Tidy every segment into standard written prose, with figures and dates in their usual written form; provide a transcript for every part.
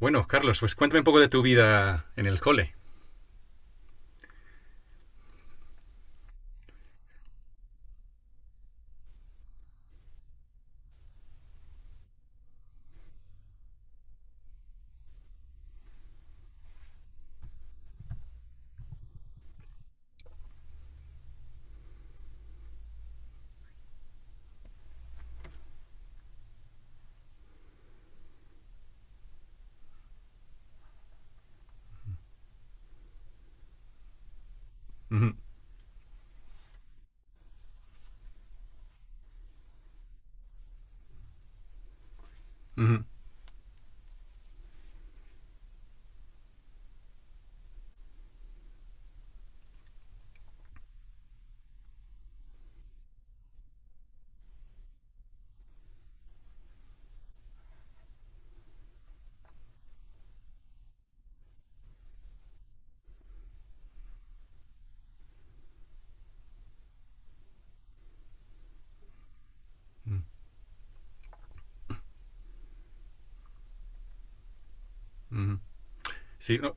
Bueno, Carlos, pues cuéntame un poco de tu vida en el cole. Ujú, ujú. Ujú. Sí, no.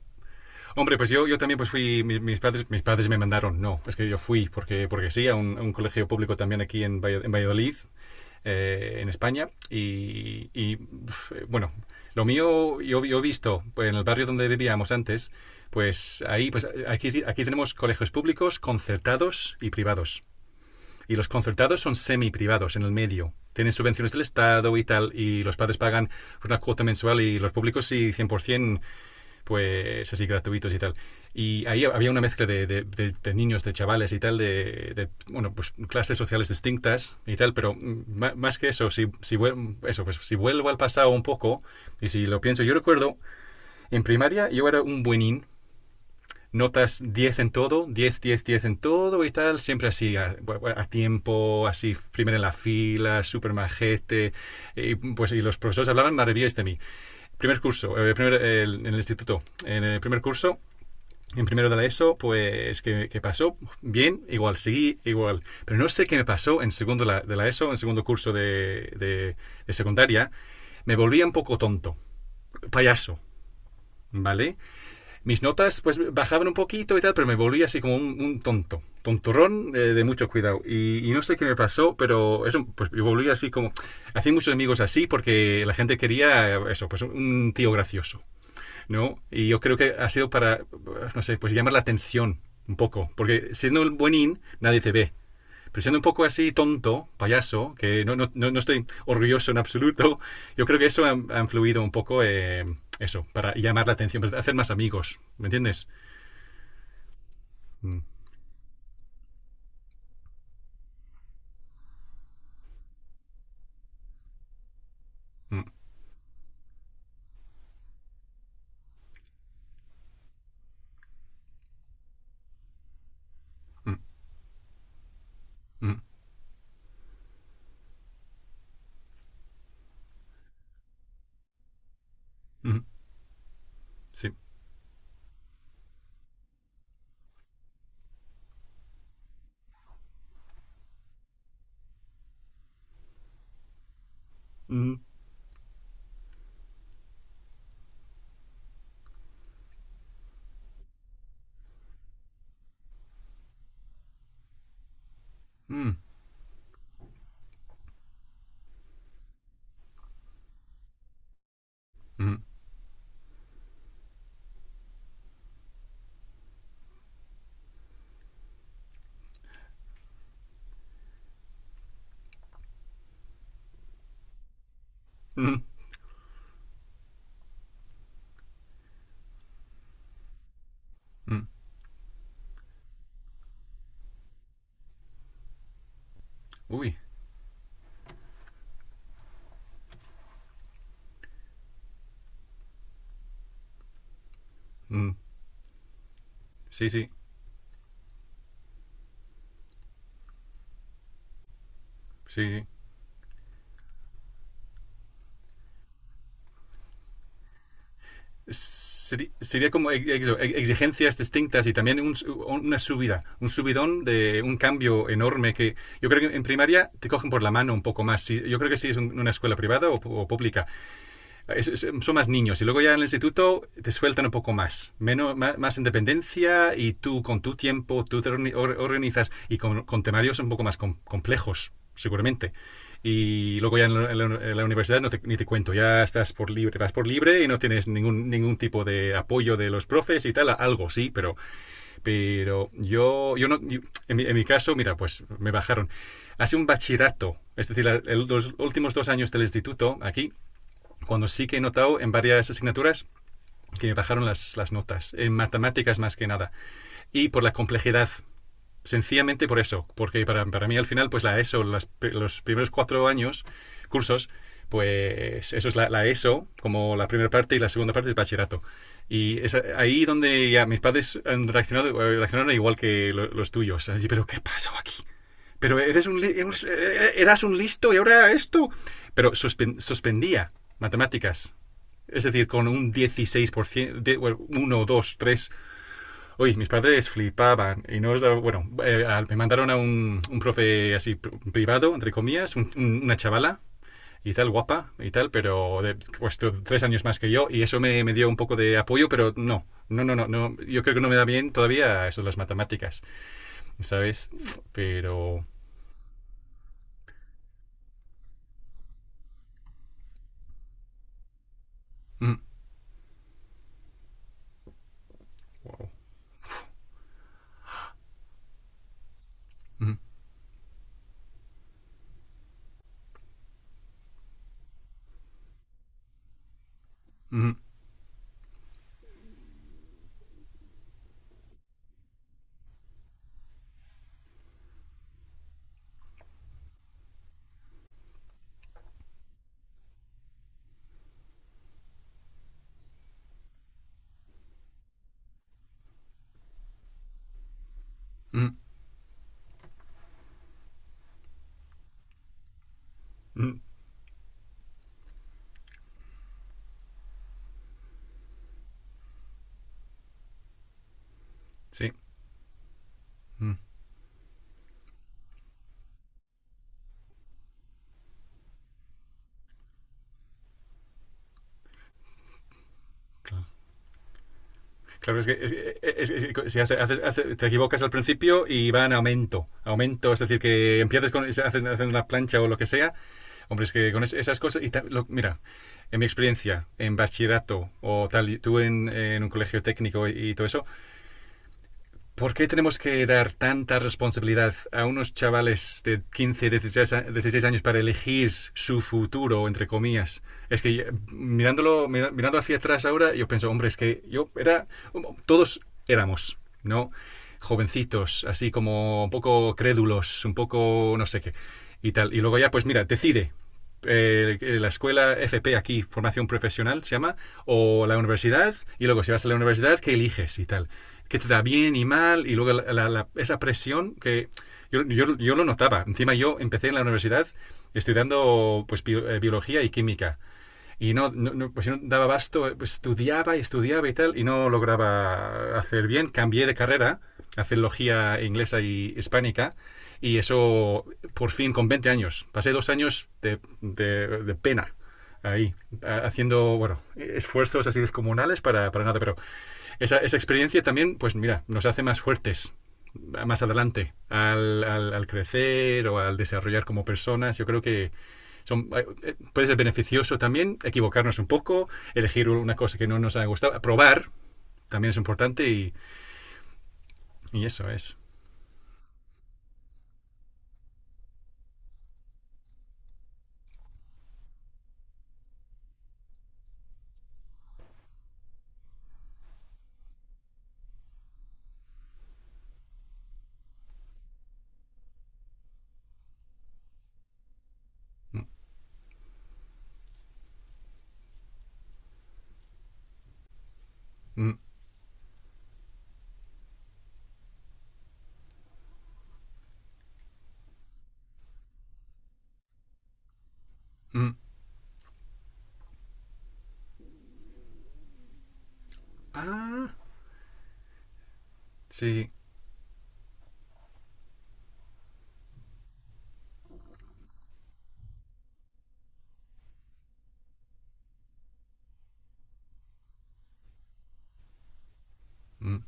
Hombre, pues yo también pues fui, mis padres me mandaron, no, es que yo fui porque, sí, a un colegio público también aquí en, en Valladolid, en España, y, uf, bueno, lo mío yo he visto pues, en el barrio donde vivíamos antes, pues ahí, pues aquí tenemos colegios públicos, concertados y privados. Y los concertados son semi-privados en el medio. Tienen subvenciones del Estado y tal, y los padres pagan pues, una cuota mensual y los públicos sí, 100%, pues así gratuitos y tal. Y ahí había una mezcla de niños, de chavales y tal, de bueno, pues clases sociales distintas y tal, pero más que eso, si, si, eso, pues, si vuelvo al pasado un poco y si lo pienso, yo recuerdo, en primaria yo era un buenín, notas 10 en todo, 10 10 10 en todo y tal, siempre así, a tiempo, así, primero en la fila, súper majete. Y, pues, y los profesores hablaban maravillas de mí. Primer curso, en el instituto, en el primer curso, en primero de la ESO, pues, ¿qué pasó? Bien, igual, seguí, igual. Pero no sé qué me pasó en segundo de la ESO, en segundo curso de secundaria. Me volvía un poco tonto, payaso, ¿vale? Mis notas pues bajaban un poquito y tal, pero me volví así como un tonto, tonturrón, de mucho cuidado. Y, no sé qué me pasó, pero eso, pues me volví así como... Hacía muchos amigos así porque la gente quería, eso, pues un tío gracioso, ¿no? Y yo creo que ha sido para, no sé, pues llamar la atención un poco, porque siendo el buenín nadie te ve. Pero siendo un poco así tonto, payaso, que no, no, no, no estoy orgulloso en absoluto, yo creo que eso ha influido un poco, eso, para llamar la atención, para hacer más amigos, ¿me entiendes? Mm, mm, mm, mm, mm, sí. Mm, mm, mm, mm, mm. Uy. Mm, sí, sí, sí, sí. Sería como exigencias distintas y también una subida, un subidón de un cambio enorme que yo creo que en primaria te cogen por la mano un poco más. Yo creo que si es una escuela privada o pública, son más niños y luego ya en el instituto te sueltan un poco más, menos, más independencia y tú con tu tiempo, tú te organizas y con temarios un poco más, complejos, seguramente. Y luego ya en la universidad no te, ni te cuento, ya estás por libre, vas por libre y no tienes ningún tipo de apoyo de los profes y tal, algo sí, pero yo no, en mi caso, mira, pues me bajaron. Hace un bachillerato, es decir, los últimos 2 años del instituto aquí, cuando sí que he notado en varias asignaturas que me bajaron las notas, en matemáticas más que nada, y por la complejidad. Sencillamente por eso, porque para mí al final, pues la ESO, los primeros 4 años, cursos, pues eso es la ESO, como la primera parte y la segunda parte es bachillerato. Y es ahí donde ya mis padres han reaccionado, reaccionaron igual que los tuyos. Así, pero ¿qué pasó aquí? Pero eres eras un listo y ahora esto. Pero suspendía matemáticas, es decir, con un 16%, de, bueno, uno, dos, tres. Oye, mis padres flipaban. Y no os daba- bueno, me mandaron a un profe así privado, entre comillas, una chavala y tal, guapa y tal, pero de, pues 3 años más que yo. Y eso me dio un poco de apoyo, pero no. No, no, no, no. Yo creo que no me da bien todavía eso de las matemáticas, ¿sabes? Pero. Mm, wow. Mm, mm, mm, mm, sí, mm, claro. Claro, es que, es- si hace- hace- hace- te equivocas al principio y va en aumento. Aumento, es decir, que empiezas con, se hacen una plancha o lo que sea. Hombre, es que con esas cosas. Mira, en mi experiencia, en bachillerato o tal, y tú en un colegio técnico y todo eso, ¿por qué tenemos que dar tanta responsabilidad a unos chavales de 15, 16 años para elegir su futuro, entre comillas? Es que, mirando hacia atrás ahora, yo pienso, hombre, es que yo era, todos éramos, ¿no? Jovencitos, así como un poco crédulos, un poco no sé qué, y tal. Y luego ya, pues mira, decide, la escuela FP aquí, formación profesional se llama, o la universidad, y luego si vas a la universidad, ¿qué eliges y tal? ¿Qué te da bien y mal? Y luego esa presión que yo lo notaba. Encima yo empecé en la universidad estudiando pues, biología y química y no, no, no, pues si no daba basto, pues estudiaba y estudiaba y tal, y no lograba hacer bien. Cambié de carrera a filología inglesa y hispánica, y eso por fin con 20 años. Pasé dos años de pena ahí, haciendo, bueno, esfuerzos así descomunales para nada, pero experiencia también, pues mira, nos hace más fuertes más adelante al crecer o al desarrollar como personas. Yo creo que son, eh, puede ser beneficioso también equivocarnos un poco, elegir una cosa que no nos ha gustado, probar también es importante y eso es. Mm, mm. Mm. Ah, sí. Mm,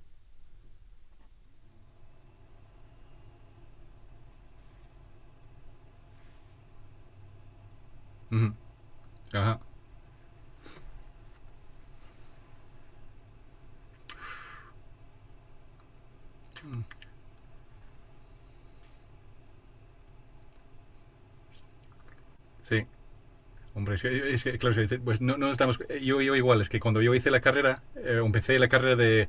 mm, ajá, sí. Hombre, es que, claro, es que, pues no, no estamos. Yo igual, es que cuando yo hice la carrera, empecé la carrera de,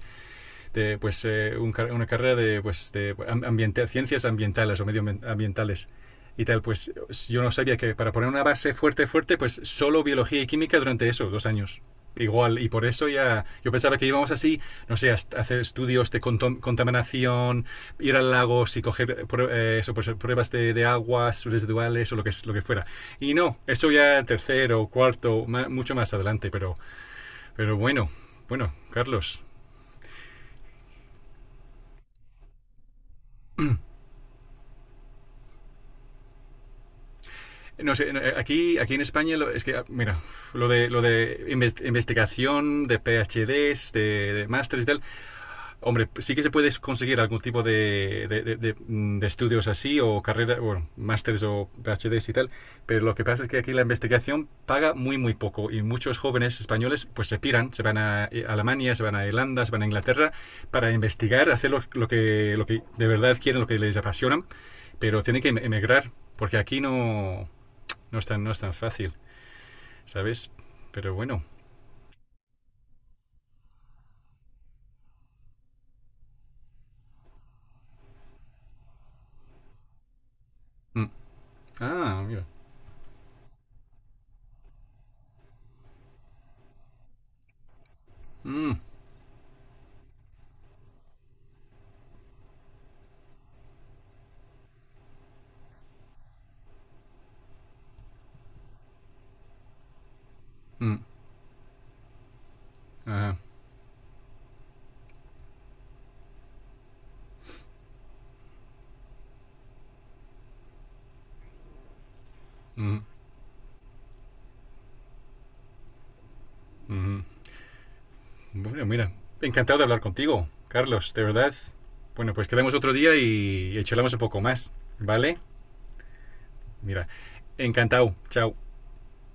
una carrera de, pues, de ambiente, ciencias ambientales o medioambientales y tal, pues yo no sabía que para poner una base fuerte, pues solo biología y química durante eso, 2 años. Igual, y por eso ya, yo pensaba que íbamos así, no sé, a hacer estudios de contaminación, ir al lago y coger, eso, pues, pruebas aguas residuales o lo que fuera. Y no, eso ya tercero, cuarto, mucho más adelante, pero, bueno, bueno, Carlos. No sé, aquí en España, es que, ah, mira, lo de investigación, de PhDs, de másteres y tal, hombre, sí que se puede conseguir algún tipo de estudios así, o carrera, bueno, másteres o PhDs y tal, pero lo que pasa es que aquí la investigación paga muy, muy poco, y muchos jóvenes españoles, pues se piran, se van a, Alemania, se van a Irlanda, se van a Inglaterra, para investigar, hacer lo que de verdad quieren, lo que les apasiona, pero tienen que emigrar, porque aquí no, no es tan, fácil, ¿sabes? Pero bueno. Mm. Ah, mira. Mm, mm, ajá, mm, mm. Bueno, mira. Encantado de hablar contigo, Carlos, de verdad. Bueno, pues quedamos otro día y charlamos un poco más, ¿vale? Mira. Encantado. Chao.